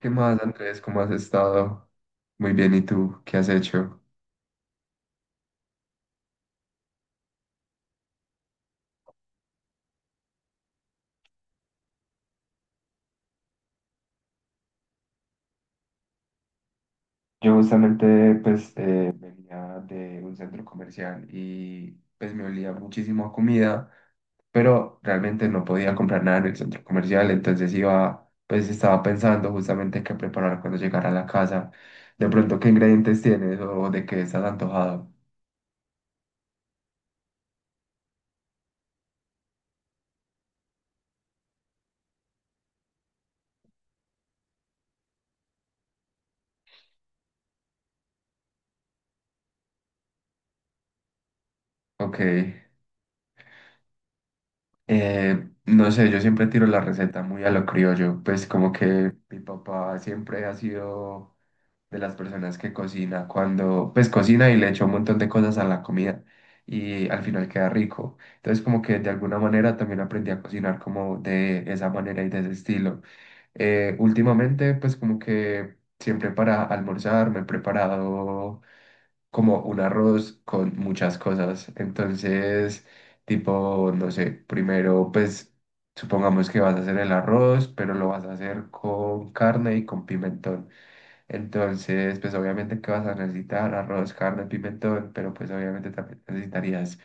¿Qué más, Andrés? ¿Cómo has estado? Muy bien, ¿y tú? ¿Qué has hecho? Yo justamente pues venía de un centro comercial y pues me olía muchísimo a comida, pero realmente no podía comprar nada en el centro comercial, entonces iba, pues estaba pensando justamente qué preparar cuando llegara a la casa. De pronto, ¿qué ingredientes tienes o de qué estás antojado? Ok. No sé, yo siempre tiro la receta muy a lo criollo, pues como que mi papá siempre ha sido de las personas que cocina cuando, pues cocina y le echa un montón de cosas a la comida y al final queda rico. Entonces como que de alguna manera también aprendí a cocinar como de esa manera y de ese estilo. Últimamente pues como que siempre para almorzar me he preparado como un arroz con muchas cosas. Entonces, tipo, no sé, primero, pues supongamos que vas a hacer el arroz, pero lo vas a hacer con carne y con pimentón. Entonces, pues obviamente que vas a necesitar arroz, carne, pimentón, pero pues obviamente también necesitarías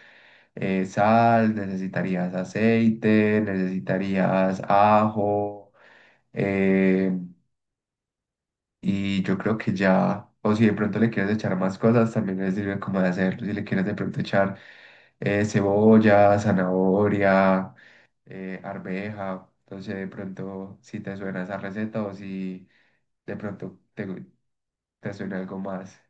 sal, necesitarías aceite, necesitarías ajo. eh, y yo creo que ya, o si de pronto le quieres echar más cosas, también le sirve como de hacerlo. Si le quieres de pronto echar cebolla, zanahoria, arveja, entonces de pronto si te suena esa receta o si de pronto te suena algo más.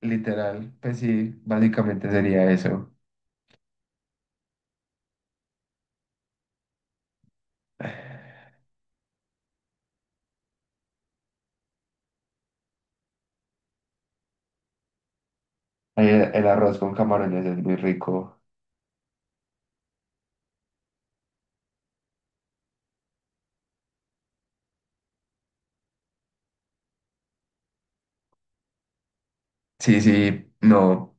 Literal, pues sí, básicamente sería eso. Ay, el arroz con camarones es muy rico. Sí, sí, no.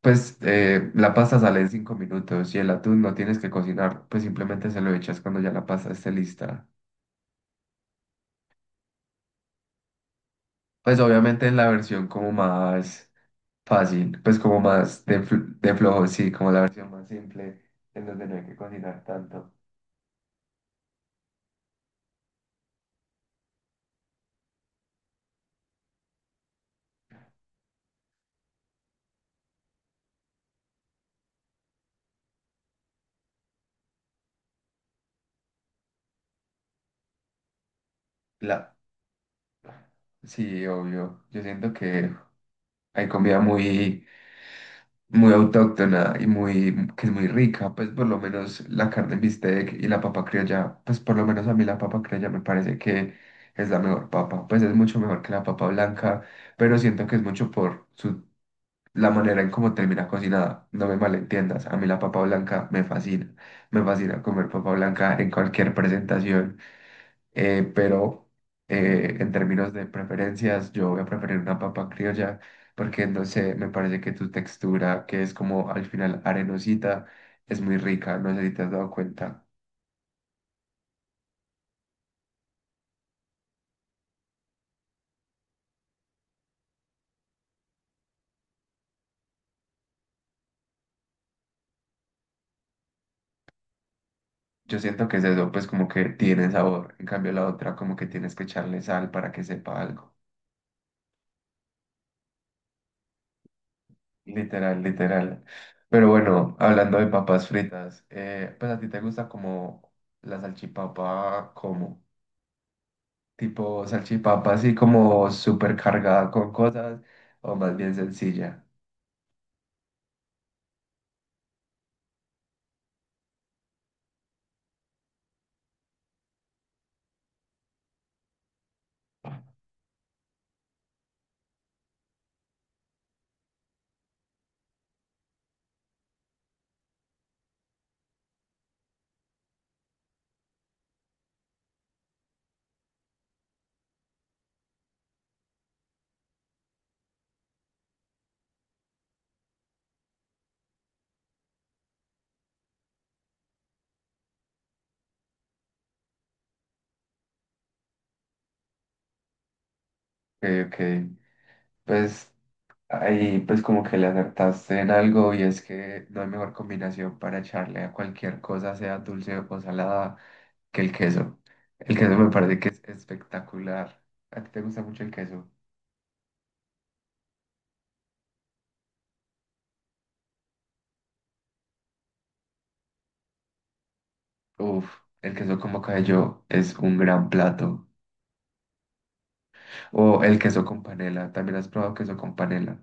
Pues la pasta sale en 5 minutos y el atún no tienes que cocinar, pues simplemente se lo echas cuando ya la pasta esté lista. Pues obviamente en la versión como más fácil, pues como más de, de flojo, sí, como la versión más simple, en donde no hay que cocinar tanto. La... Sí, obvio. Yo siento que hay comida muy, muy autóctona y muy, que es muy rica, pues por lo menos la carne en bistec y la papa criolla, pues por lo menos a mí la papa criolla me parece que es la mejor papa, pues es mucho mejor que la papa blanca, pero siento que es mucho por su, la manera en cómo termina cocinada, no me malentiendas, a mí la papa blanca me fascina comer papa blanca en cualquier presentación pero en términos de preferencias, yo voy a preferir una papa criolla porque no sé, me parece que tu textura, que es como al final arenosita, es muy rica, no sé si te has dado cuenta. Yo siento que es eso, pues como que tiene sabor, en cambio la otra como que tienes que echarle sal para que sepa algo. Literal, literal. Pero bueno, hablando de papas fritas, pues a ti te gusta como la salchipapa, cómo tipo salchipapa así como súper cargada con cosas o más bien sencilla. Ok, ok. Pues ahí pues como que le acertaste en algo y es que no hay mejor combinación para echarle a cualquier cosa, sea dulce o salada, que el queso. El queso me parece que es espectacular. ¿A ti te gusta mucho el queso? Uf, el queso como cayó es un gran plato. O el queso con panela, también has probado queso con panela.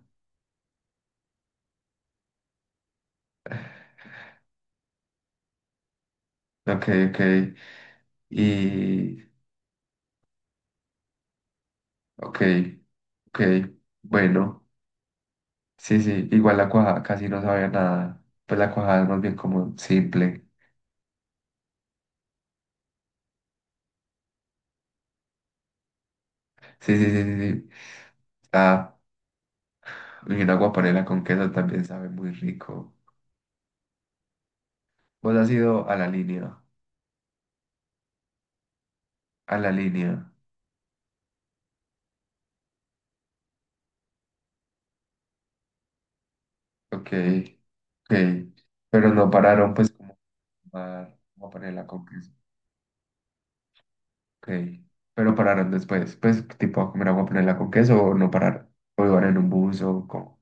Ok, ok. Y ok, ok, bueno, sí, sí, igual la cuajada casi no sabía nada, pues la cuajada es más bien como simple, sí, sí, sí, sí, sí, ah, y una guapanela con queso también sabe muy rico, vos has ido a la línea, ok, ok, pero no pararon pues como a tomar guapanela con queso, ok, pero pararon después, pues tipo a comer guapanela con queso o no pararon, o iban en un bus o como,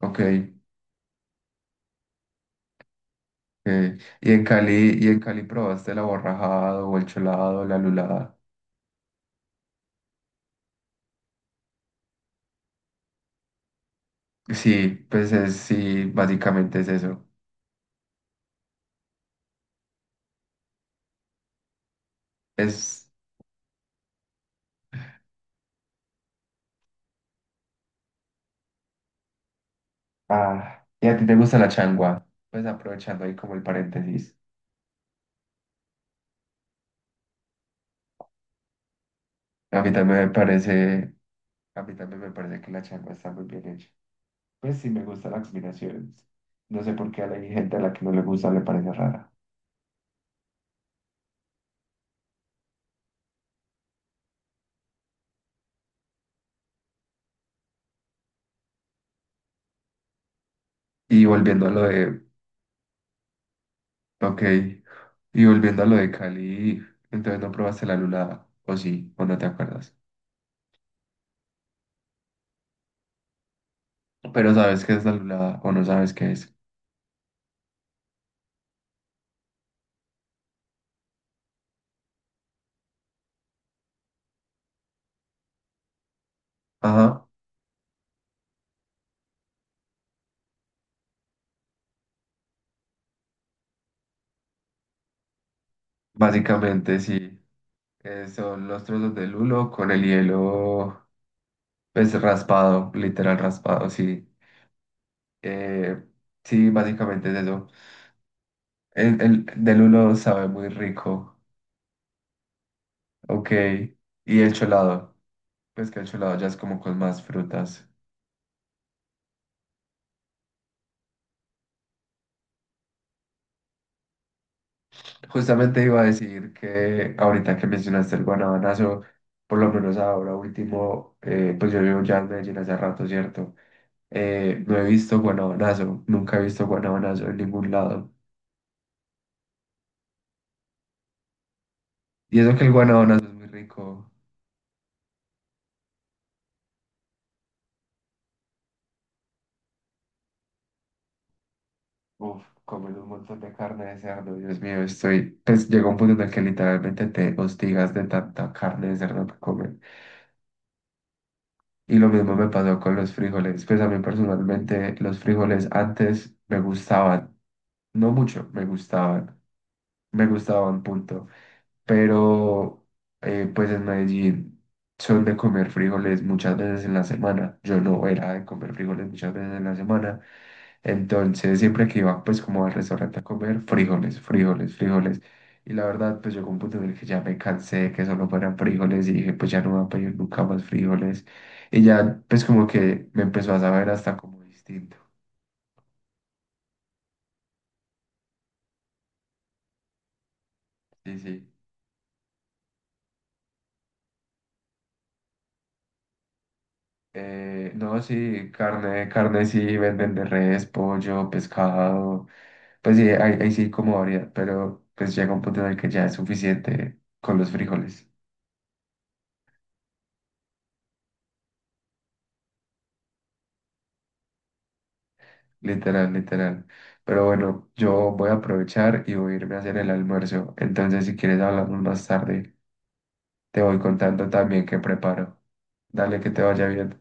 ok. Y en Cali, y en Cali probaste el aborrajado o el cholado, la lulada. Sí, pues es, sí, básicamente es eso. Es, ah, y a ti te gusta la changua, pues aprovechando ahí como el paréntesis. A mí también me parece, a mí también me parece que la changua está muy bien hecha. Pues sí me gusta la combinación. No sé por qué a la hay gente a la que no le gusta, le parece rara. Y volviendo a lo de, ok, y volviendo a lo de Cali, entonces no probaste la lulada, o sí, o no te acuerdas. Pero sabes qué es la lulada o no sabes qué es. Ajá. Básicamente sí. Son los trozos de lulo con el hielo, pues raspado, literal raspado, sí. Eh, sí, básicamente es eso. El del lulo sabe muy rico. Ok. Y el cholado. Pues que el cholado ya es como con más frutas. Justamente iba a decir que ahorita que mencionaste el guanabanazo, por lo menos ahora último, pues yo llevo ya en Medellín hace rato, ¿cierto? No he visto guanabonazo, nunca he visto guanabonazo en ningún lado. Y eso que el guanabonazo es muy rico. Uf, comer un montón de carne de cerdo, Dios mío, estoy. Pues llega un punto en el que literalmente te hostigas de tanta carne de cerdo que comen. Y lo mismo me pasó con los frijoles. Pues a mí personalmente los frijoles antes me gustaban, no mucho, me gustaban. Me gustaban, punto. Pero pues en Medellín son de comer frijoles muchas veces en la semana. Yo no era de comer frijoles muchas veces en la semana. Entonces siempre que iba pues como al restaurante a comer frijoles, frijoles, frijoles. Y la verdad pues llegó un punto en el que ya me cansé de que solo fueran frijoles y dije pues ya no voy a pedir nunca más frijoles. Y ya pues como que me empezó a saber hasta como distinto. Sí, sí. No, sí, carne, carne sí, venden de res, pollo, pescado. Pues sí, ahí, ahí sí como variedad, pero pues llega un punto en el que ya es suficiente con los frijoles. Literal, literal. Pero bueno, yo voy a aprovechar y voy a irme a hacer el almuerzo. Entonces, si quieres, hablamos más tarde. Te voy contando también qué preparo. Dale, que te vaya bien.